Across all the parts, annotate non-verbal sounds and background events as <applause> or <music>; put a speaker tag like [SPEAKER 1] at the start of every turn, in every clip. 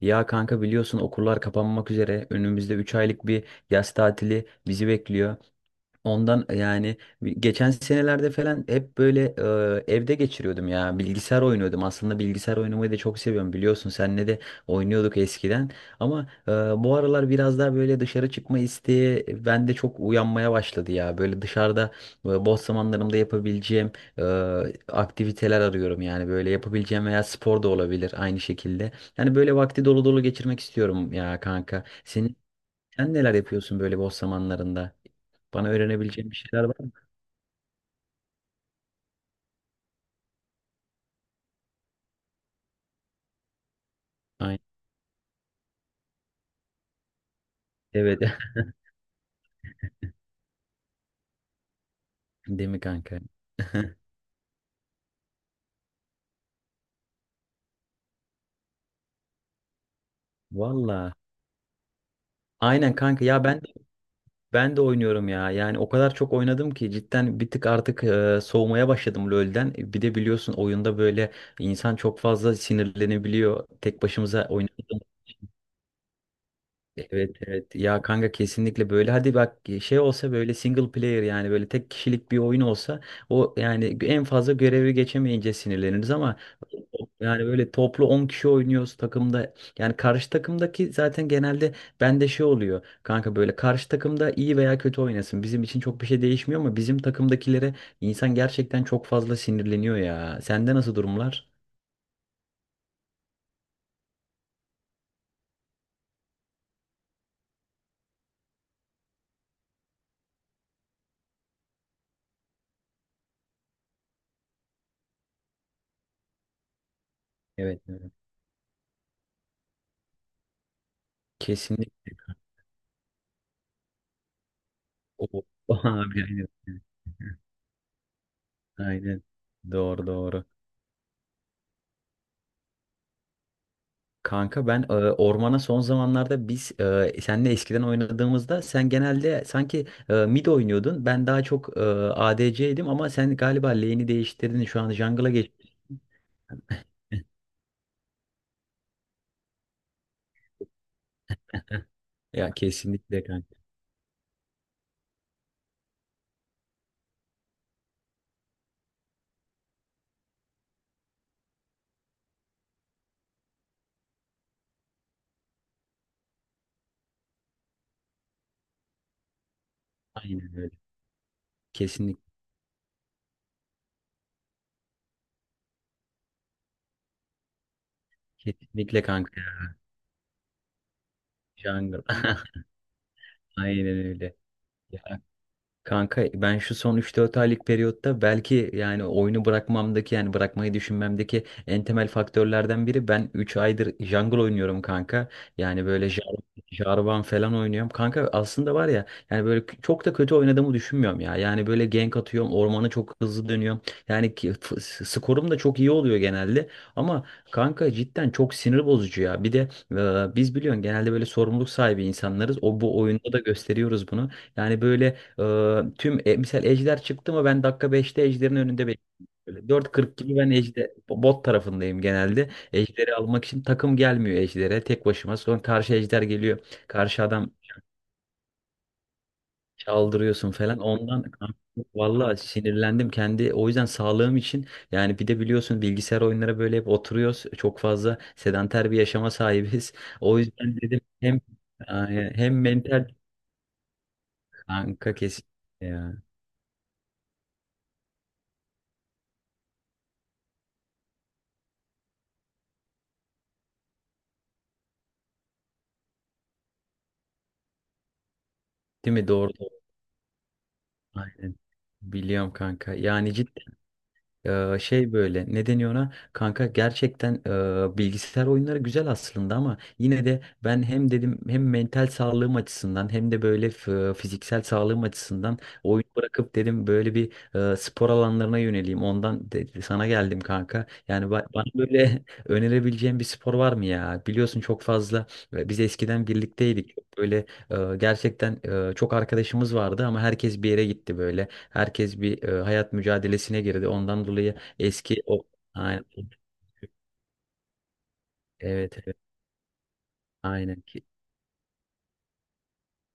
[SPEAKER 1] Ya kanka, biliyorsun, okullar kapanmak üzere. Önümüzde 3 aylık bir yaz tatili bizi bekliyor. Ondan yani geçen senelerde falan hep böyle evde geçiriyordum ya. Bilgisayar oynuyordum. Aslında bilgisayar oynamayı da çok seviyorum, biliyorsun. Seninle de oynuyorduk eskiden. Ama bu aralar biraz daha böyle dışarı çıkma isteği bende çok uyanmaya başladı ya. Böyle dışarıda boş zamanlarımda yapabileceğim e, aktiviteler arıyorum yani. Böyle yapabileceğim veya spor da olabilir aynı şekilde. Yani böyle vakti dolu dolu geçirmek istiyorum ya kanka. Sen neler yapıyorsun böyle boş zamanlarında? Bana öğrenebileceğim bir şeyler var mı? Aynen. Evet. <laughs> Değil mi kanka? <laughs> Valla. Aynen kanka, ya ben de oynuyorum ya. Yani o kadar çok oynadım ki cidden bir tık artık soğumaya başladım LoL'den. Bir de biliyorsun, oyunda böyle insan çok fazla sinirlenebiliyor. Tek başımıza oynadık. Evet evet ya kanka, kesinlikle. Böyle hadi bak, şey olsa, böyle single player, yani böyle tek kişilik bir oyun olsa, o yani en fazla görevi geçemeyince sinirleniriz ama yani böyle toplu 10 kişi oynuyoruz takımda, yani karşı takımdaki zaten genelde, bende şey oluyor kanka, böyle karşı takımda iyi veya kötü oynasın bizim için çok bir şey değişmiyor ama bizim takımdakilere insan gerçekten çok fazla sinirleniyor ya. Sende nasıl durumlar? Evet, evet. Kesinlikle. O <laughs> abi, aynen. Aynen. Doğru doğru. Kanka ben ormana son zamanlarda biz senle eskiden oynadığımızda sen genelde sanki mid oynuyordun. Ben daha çok ADC'ydim ama sen galiba lane'i değiştirdin. Şu an jungle'a geç. Ya kesinlikle kanka. Aynen öyle. Kesinlikle, kesinlikle kanka, ya. Jungle. <laughs> Aynen öyle. Ya kanka, ben şu son üç dört aylık periyotta belki, yani oyunu bırakmamdaki, yani bırakmayı düşünmemdeki en temel faktörlerden biri, ben 3 aydır jungle oynuyorum kanka. Yani böyle Jarvan falan oynuyorum. Kanka aslında var ya, yani böyle çok da kötü oynadığımı düşünmüyorum ya. Yani böyle gank atıyorum, ormanı çok hızlı dönüyorum. Yani skorum da çok iyi oluyor genelde. Ama kanka cidden çok sinir bozucu ya. Bir de biz biliyorsun genelde böyle sorumluluk sahibi insanlarız. O bu oyunda da gösteriyoruz bunu. Yani böyle tüm misal Ejder çıktı mı, ben dakika 5'te Ejder'in önünde bekliyorum. Böyle 4.40 gibi ben Ejder bot tarafındayım genelde. Ejder'i almak için takım gelmiyor, Ejder'e tek başıma. Sonra karşı Ejder geliyor. Karşı adam çaldırıyorsun falan. Ondan <laughs> vallahi sinirlendim kendi. O yüzden sağlığım için, yani bir de biliyorsun bilgisayar oyunlara böyle hep oturuyoruz. Çok fazla sedanter bir yaşama sahibiz. <laughs> O yüzden dedim hem mental kanka, kesin ya. Değil mi? Doğru. Aynen. Biliyorum kanka. Yani ciddi şey, böyle ne deniyor ona? Kanka gerçekten bilgisayar oyunları güzel aslında, ama yine de ben hem dedim, hem mental sağlığım açısından hem de böyle fiziksel sağlığım açısından oyun bırakıp dedim böyle bir spor alanlarına yöneleyim. Ondan sana geldim kanka. Yani bana böyle <laughs> önerebileceğin bir spor var mı ya? Biliyorsun çok fazla biz eskiden birlikteydik. Böyle gerçekten çok arkadaşımız vardı ama herkes bir yere gitti böyle. Herkes bir hayat mücadelesine girdi. Ondan dolayı eski o, aynen. Evet, evet. Aynen.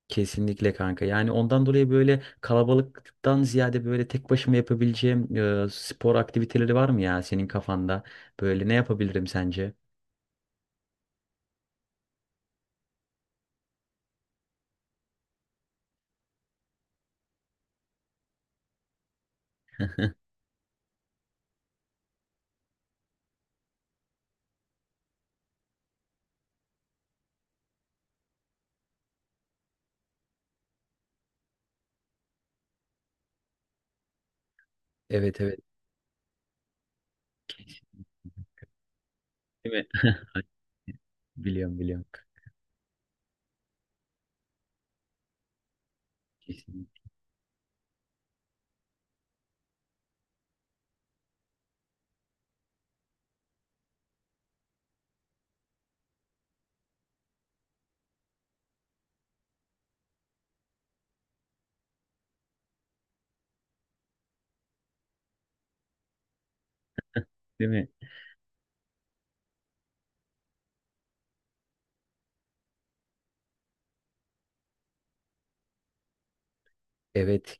[SPEAKER 1] Kesinlikle kanka. Yani ondan dolayı böyle kalabalıktan ziyade böyle tek başıma yapabileceğim spor aktiviteleri var mı ya senin kafanda? Böyle ne yapabilirim sence? <laughs> Evet evet. Değil mi? Biliyorum, biliyorum. Kesinlikle. Değil mi? Evet.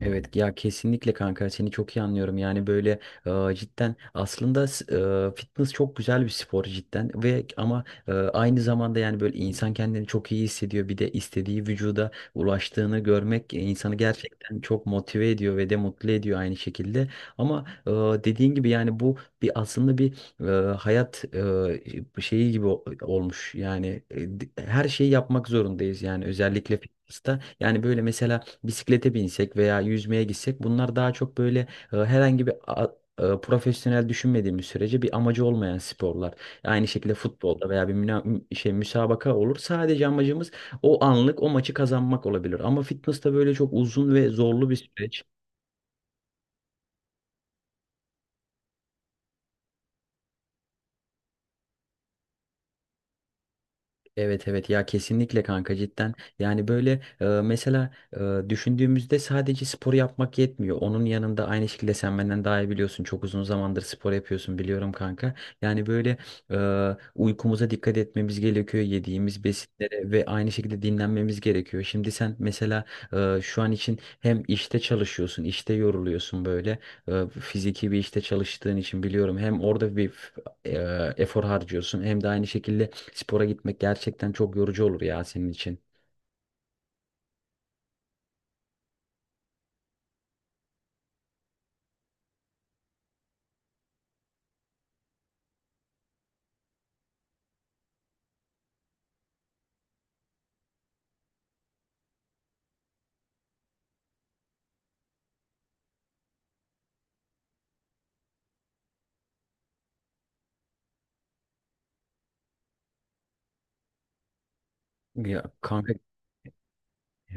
[SPEAKER 1] Evet ya kesinlikle kanka, seni çok iyi anlıyorum, yani böyle cidden aslında fitness çok güzel bir spor cidden ve, ama aynı zamanda yani böyle insan kendini çok iyi hissediyor, bir de istediği vücuda ulaştığını görmek insanı gerçekten çok motive ediyor ve de mutlu ediyor aynı şekilde, ama dediğin gibi yani bu bir, aslında bir hayat şeyi gibi olmuş yani her şeyi yapmak zorundayız yani özellikle fitness'ta, yani böyle mesela bisiklete binsek veya yüzmeye gitsek bunlar daha çok böyle herhangi bir profesyonel düşünmediğimiz sürece bir amacı olmayan sporlar. Aynı şekilde futbolda veya bir şey müsabaka olur. Sadece amacımız o anlık o maçı kazanmak olabilir. Ama fitness'ta böyle çok uzun ve zorlu bir süreç. Evet evet ya kesinlikle kanka cidden, yani böyle mesela düşündüğümüzde sadece spor yapmak yetmiyor, onun yanında aynı şekilde sen benden daha iyi biliyorsun, çok uzun zamandır spor yapıyorsun biliyorum kanka, yani böyle e, uykumuza dikkat etmemiz gerekiyor, yediğimiz besinlere, ve aynı şekilde dinlenmemiz gerekiyor. Şimdi sen mesela şu an için hem işte çalışıyorsun, işte yoruluyorsun böyle fiziki bir işte çalıştığın için biliyorum, hem orada bir efor harcıyorsun. Hem de aynı şekilde spora gitmek gerçekten çok yorucu olur ya senin için. Ya kanka,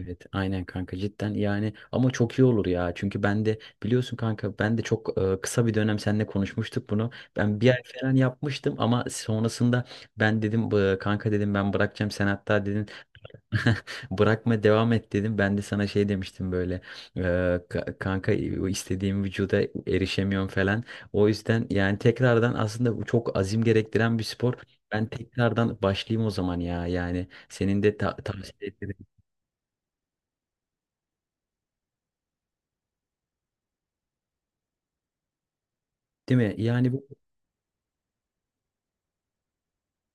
[SPEAKER 1] evet aynen kanka cidden, yani ama çok iyi olur ya. Çünkü ben de, biliyorsun kanka, ben de çok kısa bir dönem seninle konuşmuştuk bunu. Ben bir ay falan yapmıştım ama sonrasında ben dedim, "Bu, kanka", dedim, "ben bırakacağım." Sen hatta dedin, <laughs> "Bırakma, devam et", dedim. Ben de sana şey demiştim böyle: "Ee, "Kanka, o istediğim vücuda erişemiyorum" falan. O yüzden yani tekrardan, aslında bu çok azim gerektiren bir spor. Ben tekrardan başlayayım o zaman ya. Yani senin de tavsiye ederim. Değil mi? Yani bu,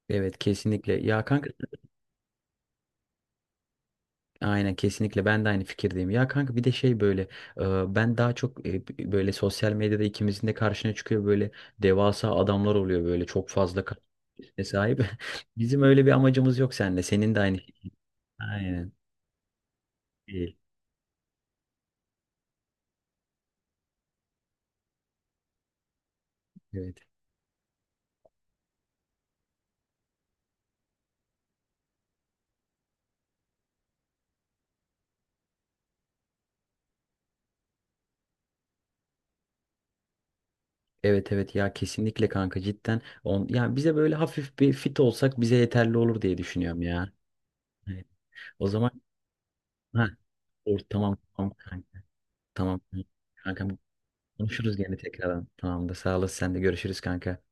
[SPEAKER 1] evet, kesinlikle. Ya kanka, aynen, kesinlikle, ben de aynı fikirdeyim. Ya kanka, bir de şey, böyle ben daha çok, böyle sosyal medyada ikimizin de karşına çıkıyor, böyle devasa adamlar oluyor, böyle çok fazla kitlesine sahip. <laughs> Bizim öyle bir amacımız yok seninle. Senin de aynı şey. Aynen. Değil. Evet. Evet evet ya kesinlikle kanka cidden. Yani bize böyle hafif bir fit olsak bize yeterli olur diye düşünüyorum ya. Evet. O zaman ha, tamam tamam kanka. Tamam. Tamam kanka, konuşuruz gene tekrardan. Tamam da, sağ olasın, sen de görüşürüz kanka.